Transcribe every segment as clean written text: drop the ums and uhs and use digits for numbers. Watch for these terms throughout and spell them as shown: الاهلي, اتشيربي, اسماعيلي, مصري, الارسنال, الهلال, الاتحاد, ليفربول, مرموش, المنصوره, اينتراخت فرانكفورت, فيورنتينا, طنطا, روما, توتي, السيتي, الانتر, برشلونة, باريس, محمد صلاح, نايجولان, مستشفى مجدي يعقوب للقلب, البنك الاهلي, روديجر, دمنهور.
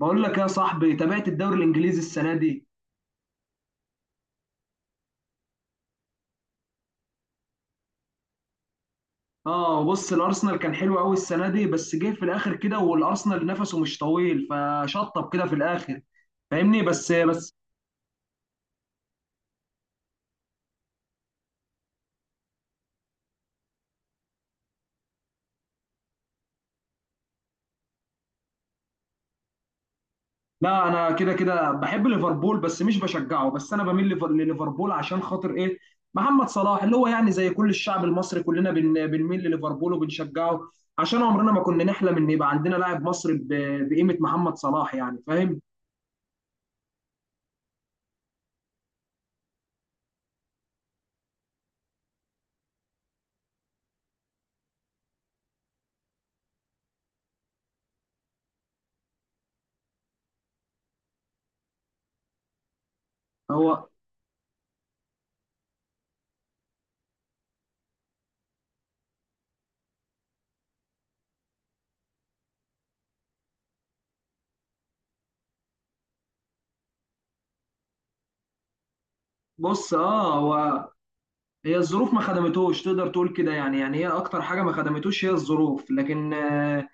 بقول لك يا صاحبي، تابعت الدوري الانجليزي السنه دي. اه بص، الارسنال كان حلو قوي السنه دي، بس جه في الاخر كده، والارسنال نفسه مش طويل فشطب كده في الاخر. فاهمني؟ بس. لا، انا كده بحب ليفربول بس مش بشجعه، بس انا بميل لليفربول عشان خاطر ايه؟ محمد صلاح، اللي هو يعني زي كل الشعب المصري، كلنا بنميل لليفربول وبنشجعه، عشان عمرنا ما كنا نحلم ان يبقى عندنا لاعب مصري بقيمه محمد صلاح، يعني فاهم. هو بص، اه، هو هي الظروف ما خدمتوش، تقدر تقول كده، يعني هي اكتر حاجه ما خدمتوش هي الظروف، لكن اه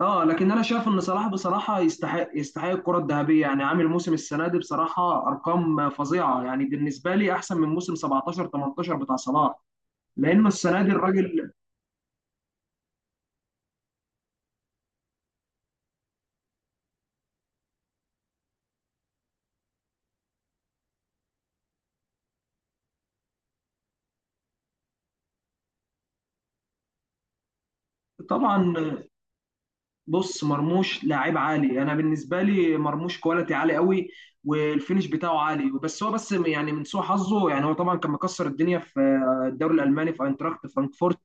آه، لكن انا شايف ان صلاح بصراحه يستحق الكره الذهبيه. يعني عامل موسم السنه دي بصراحه ارقام فظيعه، يعني بالنسبه لي احسن من موسم 17 18 بتاع صلاح، لان السنه دي الراجل طبعا. بص، مرموش لاعب عالي، انا بالنسبه لي مرموش كواليتي عالي قوي، والفينش بتاعه عالي، بس هو بس يعني من سوء حظه، يعني هو طبعا كان مكسر الدنيا في الدوري الالماني في اينتراخت فرانكفورت،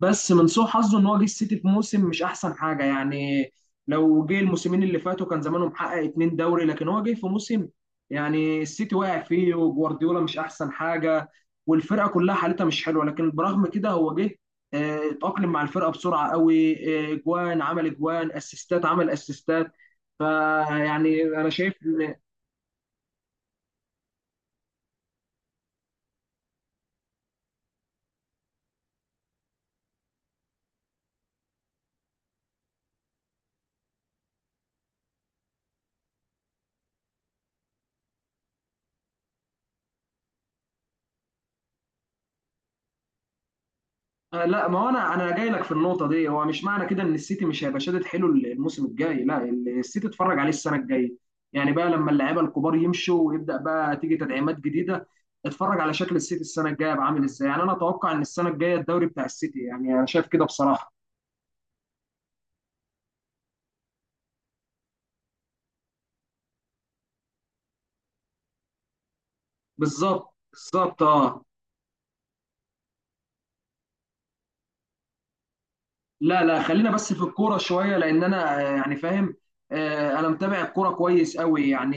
بس من سوء حظه ان هو جه السيتي في موسم مش احسن حاجه يعني. لو جه الموسمين اللي فاتوا كان زمانه محقق اتنين دوري، لكن هو جه في موسم يعني السيتي واقع فيه، وجوارديولا مش احسن حاجه، والفرقه كلها حالتها مش حلوه، لكن برغم كده هو جه، اتأقلم مع الفرقه بسرعه قوي، جوان عمل، جوان اسيستات عمل اسيستات، فيعني انا شايف. لا، ما هو انا جاي لك في النقطه دي. هو مش معنى كده ان السيتي مش هيبقى شادد حلو الموسم الجاي، لا. السيتي اتفرج عليه السنه الجايه، يعني بقى لما اللعيبه الكبار يمشوا ويبدا بقى تيجي تدعيمات جديده، اتفرج على شكل السيتي السنه الجايه بقى عامل ازاي. يعني انا اتوقع ان السنه الجايه الدوري بتاع السيتي، يعني انا شايف كده بصراحه. بالظبط، بالظبط، اه. لا لا، خلينا بس في الكوره شويه، لان انا يعني فاهم، انا متابع الكوره كويس قوي يعني.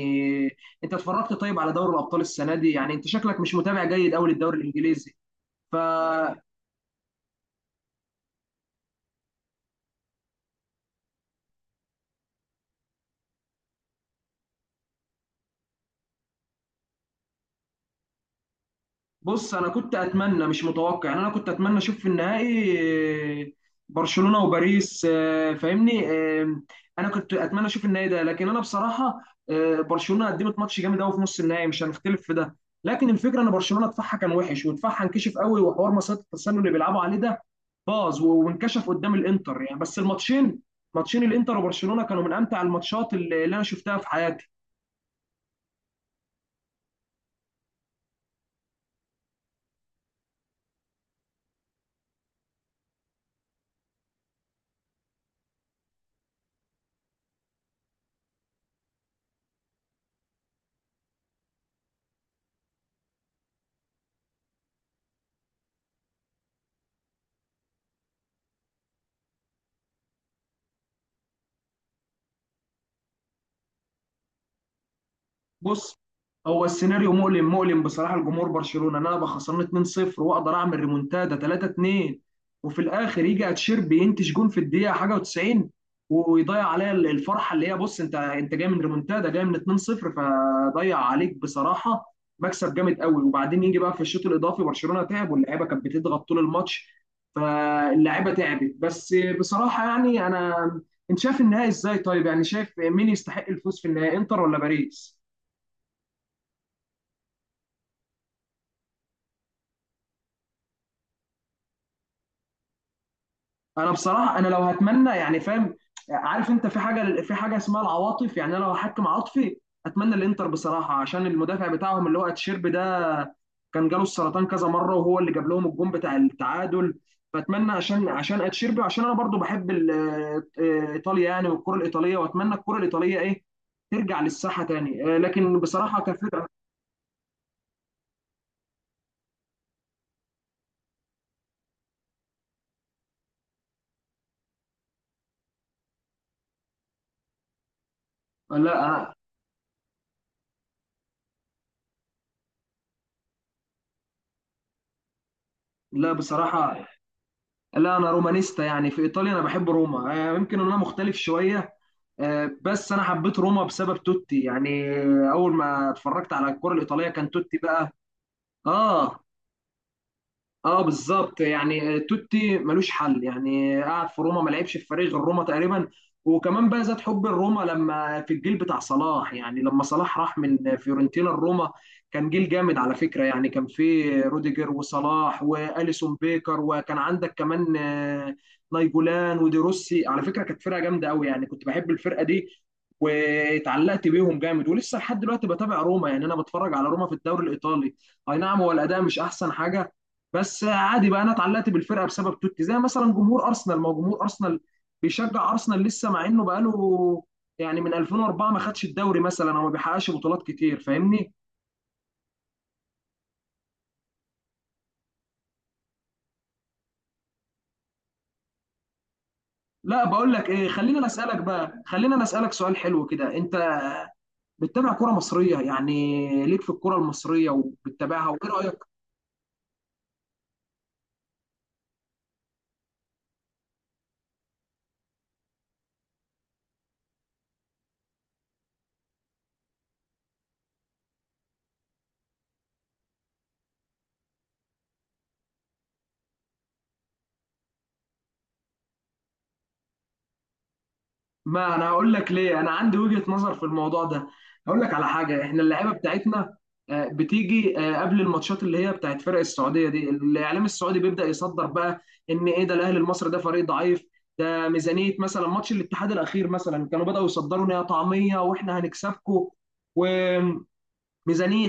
انت اتفرجت طيب على دوري الابطال السنه دي؟ يعني انت شكلك مش متابع جيد قوي للدوري الانجليزي. فبص، انا كنت اتمنى، مش متوقع، يعني انا كنت اتمنى اشوف في النهائي آه، برشلونة وباريس، فاهمني. انا كنت اتمنى اشوف النهائي ده، لكن انا بصراحة برشلونة قدمت ماتش جامد قوي في نص النهائي، مش هنختلف في ده، لكن الفكرة ان برشلونة دفاعها كان وحش، ودفاعها انكشف قوي، وحوار مسات التسلل اللي بيلعبوا عليه ده باظ وانكشف قدام الانتر، يعني بس الماتشين. ماتشين الانتر وبرشلونة كانوا من امتع الماتشات اللي انا شفتها في حياتي. بص، هو السيناريو مؤلم، مؤلم بصراحه لجمهور برشلونه، ان انا ابقى خسران 2-0 واقدر اعمل ريمونتادا 3-2، وفي الاخر يجي اتشيربي ينتج جون في الدقيقه حاجه و90، ويضيع عليا الفرحه، اللي هي بص، انت جاي من ريمونتادا، جاي من 2-0، فضيع عليك بصراحه مكسب جامد قوي. وبعدين يجي بقى في الشوط الاضافي برشلونه تعب، واللعيبه كانت بتضغط طول الماتش، فاللعيبه تعبت، بس بصراحه يعني انا، انت شايف النهائي ازاي طيب؟ يعني شايف مين يستحق الفوز في النهائي، انتر ولا باريس؟ انا بصراحه، انا لو هتمنى يعني فاهم، عارف انت، في حاجه، في حاجه اسمها العواطف، يعني انا لو هحكم عاطفي اتمنى الانتر بصراحه، عشان المدافع بتاعهم اللي هو اتشيربي ده كان جاله السرطان كذا مره، وهو اللي جاب لهم الجون بتاع التعادل، فاتمنى عشان، عشان اتشيربي، عشان انا برضو بحب ايطاليا يعني، والكره الايطاليه، واتمنى الكره الايطاليه ايه، ترجع للساحه تاني، لكن بصراحه كفكره. لا أنا- لا بصراحه، لا انا رومانيستا، يعني في ايطاليا انا بحب روما، يمكن إن انا مختلف شويه، بس انا حبيت روما بسبب توتي يعني. اول ما اتفرجت على الكرة الإيطالية كان توتي بقى. اه، اه، بالظبط، يعني توتي ملوش حل، يعني قعد في روما، ما لعبش في فريق غير روما تقريبا. وكمان بقى زاد حب الروما لما في الجيل بتاع صلاح، يعني لما صلاح راح من فيورنتينا لروما كان جيل جامد على فكرة، يعني كان في روديجر وصلاح وأليسون بيكر، وكان عندك كمان نايجولان وديروسي. على فكرة كانت فرقة جامدة قوي، يعني كنت بحب الفرقة دي واتعلقت بيهم جامد، ولسه لحد دلوقتي بتابع روما، يعني انا بتفرج على روما في الدوري الايطالي. اي نعم هو الاداء مش احسن حاجة، بس عادي بقى. انا اتعلقت بالفرقه بسبب توتي، زي مثلا جمهور ارسنال، ما هو جمهور ارسنال بيشجع ارسنال لسه، مع انه بقاله يعني من 2004 ما خدش الدوري مثلا، او ما بيحققش بطولات كتير، فاهمني؟ لا، بقول لك ايه، خلينا اسالك بقى، خلينا اسالك سؤال حلو كده. انت بتتابع كرة مصرية؟ يعني ليك في الكرة المصرية وبتتابعها، وايه رايك؟ ما انا هقول لك ليه، انا عندي وجهة نظر في الموضوع ده. هقول لك على حاجة، احنا اللعيبة بتاعتنا بتيجي قبل الماتشات اللي هي بتاعت فرق السعودية دي، الاعلام السعودي بيبدأ يصدر بقى ان ايه ده، الاهلي المصري ده فريق ضعيف، ده ميزانية، مثلا ماتش الاتحاد الاخير مثلا كانوا بدأوا يصدروا ان هي طعمية واحنا هنكسبكم، وميزانية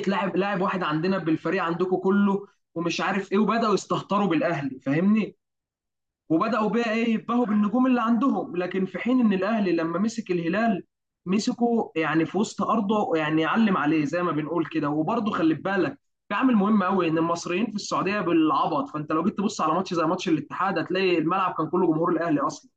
لاعب واحد عندنا بالفريق عندكم كله، ومش عارف ايه، وبدأوا يستهتروا بالاهلي فاهمني، وبداوا بقى ايه، يبهوا بالنجوم اللي عندهم. لكن في حين ان الاهلي لما مسك الهلال، مسكه يعني في وسط ارضه، يعني يعلم عليه زي ما بنقول كده، وبرضه خلي بالك في عامل مهم قوي، ان المصريين في السعوديه بالعبط، فانت لو جيت تبص على ماتش زي ماتش الاتحاد، هتلاقي الملعب كان كله جمهور الاهلي اصلا.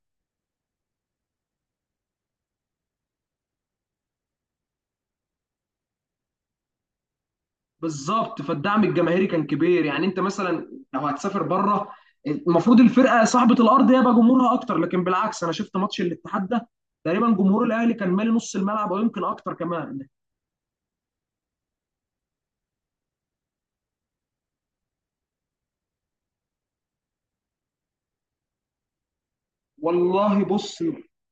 بالظبط، فالدعم الجماهيري كان كبير. يعني انت مثلا لو هتسافر بره، المفروض الفرقه صاحبه الارض هي بقى جمهورها اكتر، لكن بالعكس انا شفت ماتش الاتحاد ده تقريبا جمهور الاهلي كان مالي نص الملعب، او يمكن اكتر كمان. والله بص،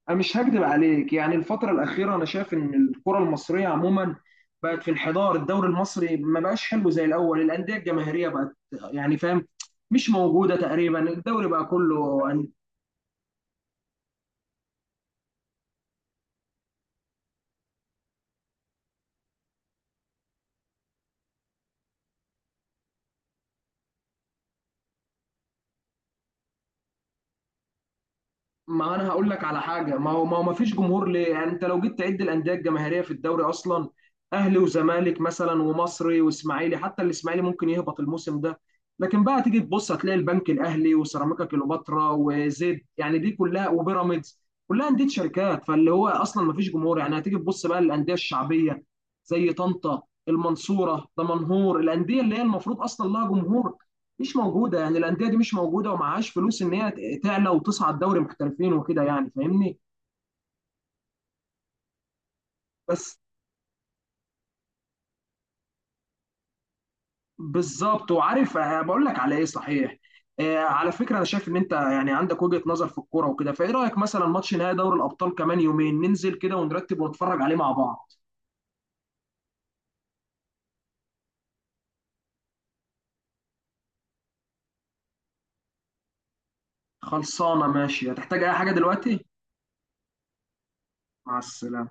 انا مش هكدب عليك، يعني الفتره الاخيره انا شايف ان الكره المصريه عموما بقت في انحدار. الدوري المصري ما بقاش حلو زي الاول، الانديه الجماهيريه بقت يعني فاهم، مش موجوده تقريبا. الدوري بقى كله يعني، ما انا هقول لك على حاجه، ما هو ما فيش جمهور، ليه؟ يعني انت لو جيت تعد الانديه الجماهيريه في الدوري اصلا، اهلي وزمالك مثلا، ومصري واسماعيلي، حتى الاسماعيلي ممكن يهبط الموسم ده. لكن بقى تيجي تبص هتلاقي البنك الاهلي، وسيراميكا كليوباترا، وزد، يعني دي كلها، وبيراميدز، كلها انديه شركات. فاللي هو اصلا ما فيش جمهور يعني، هتيجي تبص بقى للانديه الشعبيه، زي طنطا، المنصوره، دمنهور، الانديه اللي هي المفروض اصلا لها جمهور، مش موجوده. يعني الانديه دي مش موجوده، ومعهاش فلوس ان هي تعلى وتصعد دوري محترفين وكده، يعني فاهمني. بس، بالظبط. وعارف بقول لك على ايه صحيح، على فكره انا شايف ان انت يعني عندك وجهه نظر في الكوره وكده، فايه رايك مثلا ماتش نهائي دوري الابطال كمان يومين ننزل كده ونرتب ونتفرج عليه مع بعض؟ خلصانه ماشي. هتحتاج اي حاجه دلوقتي؟ مع السلامه.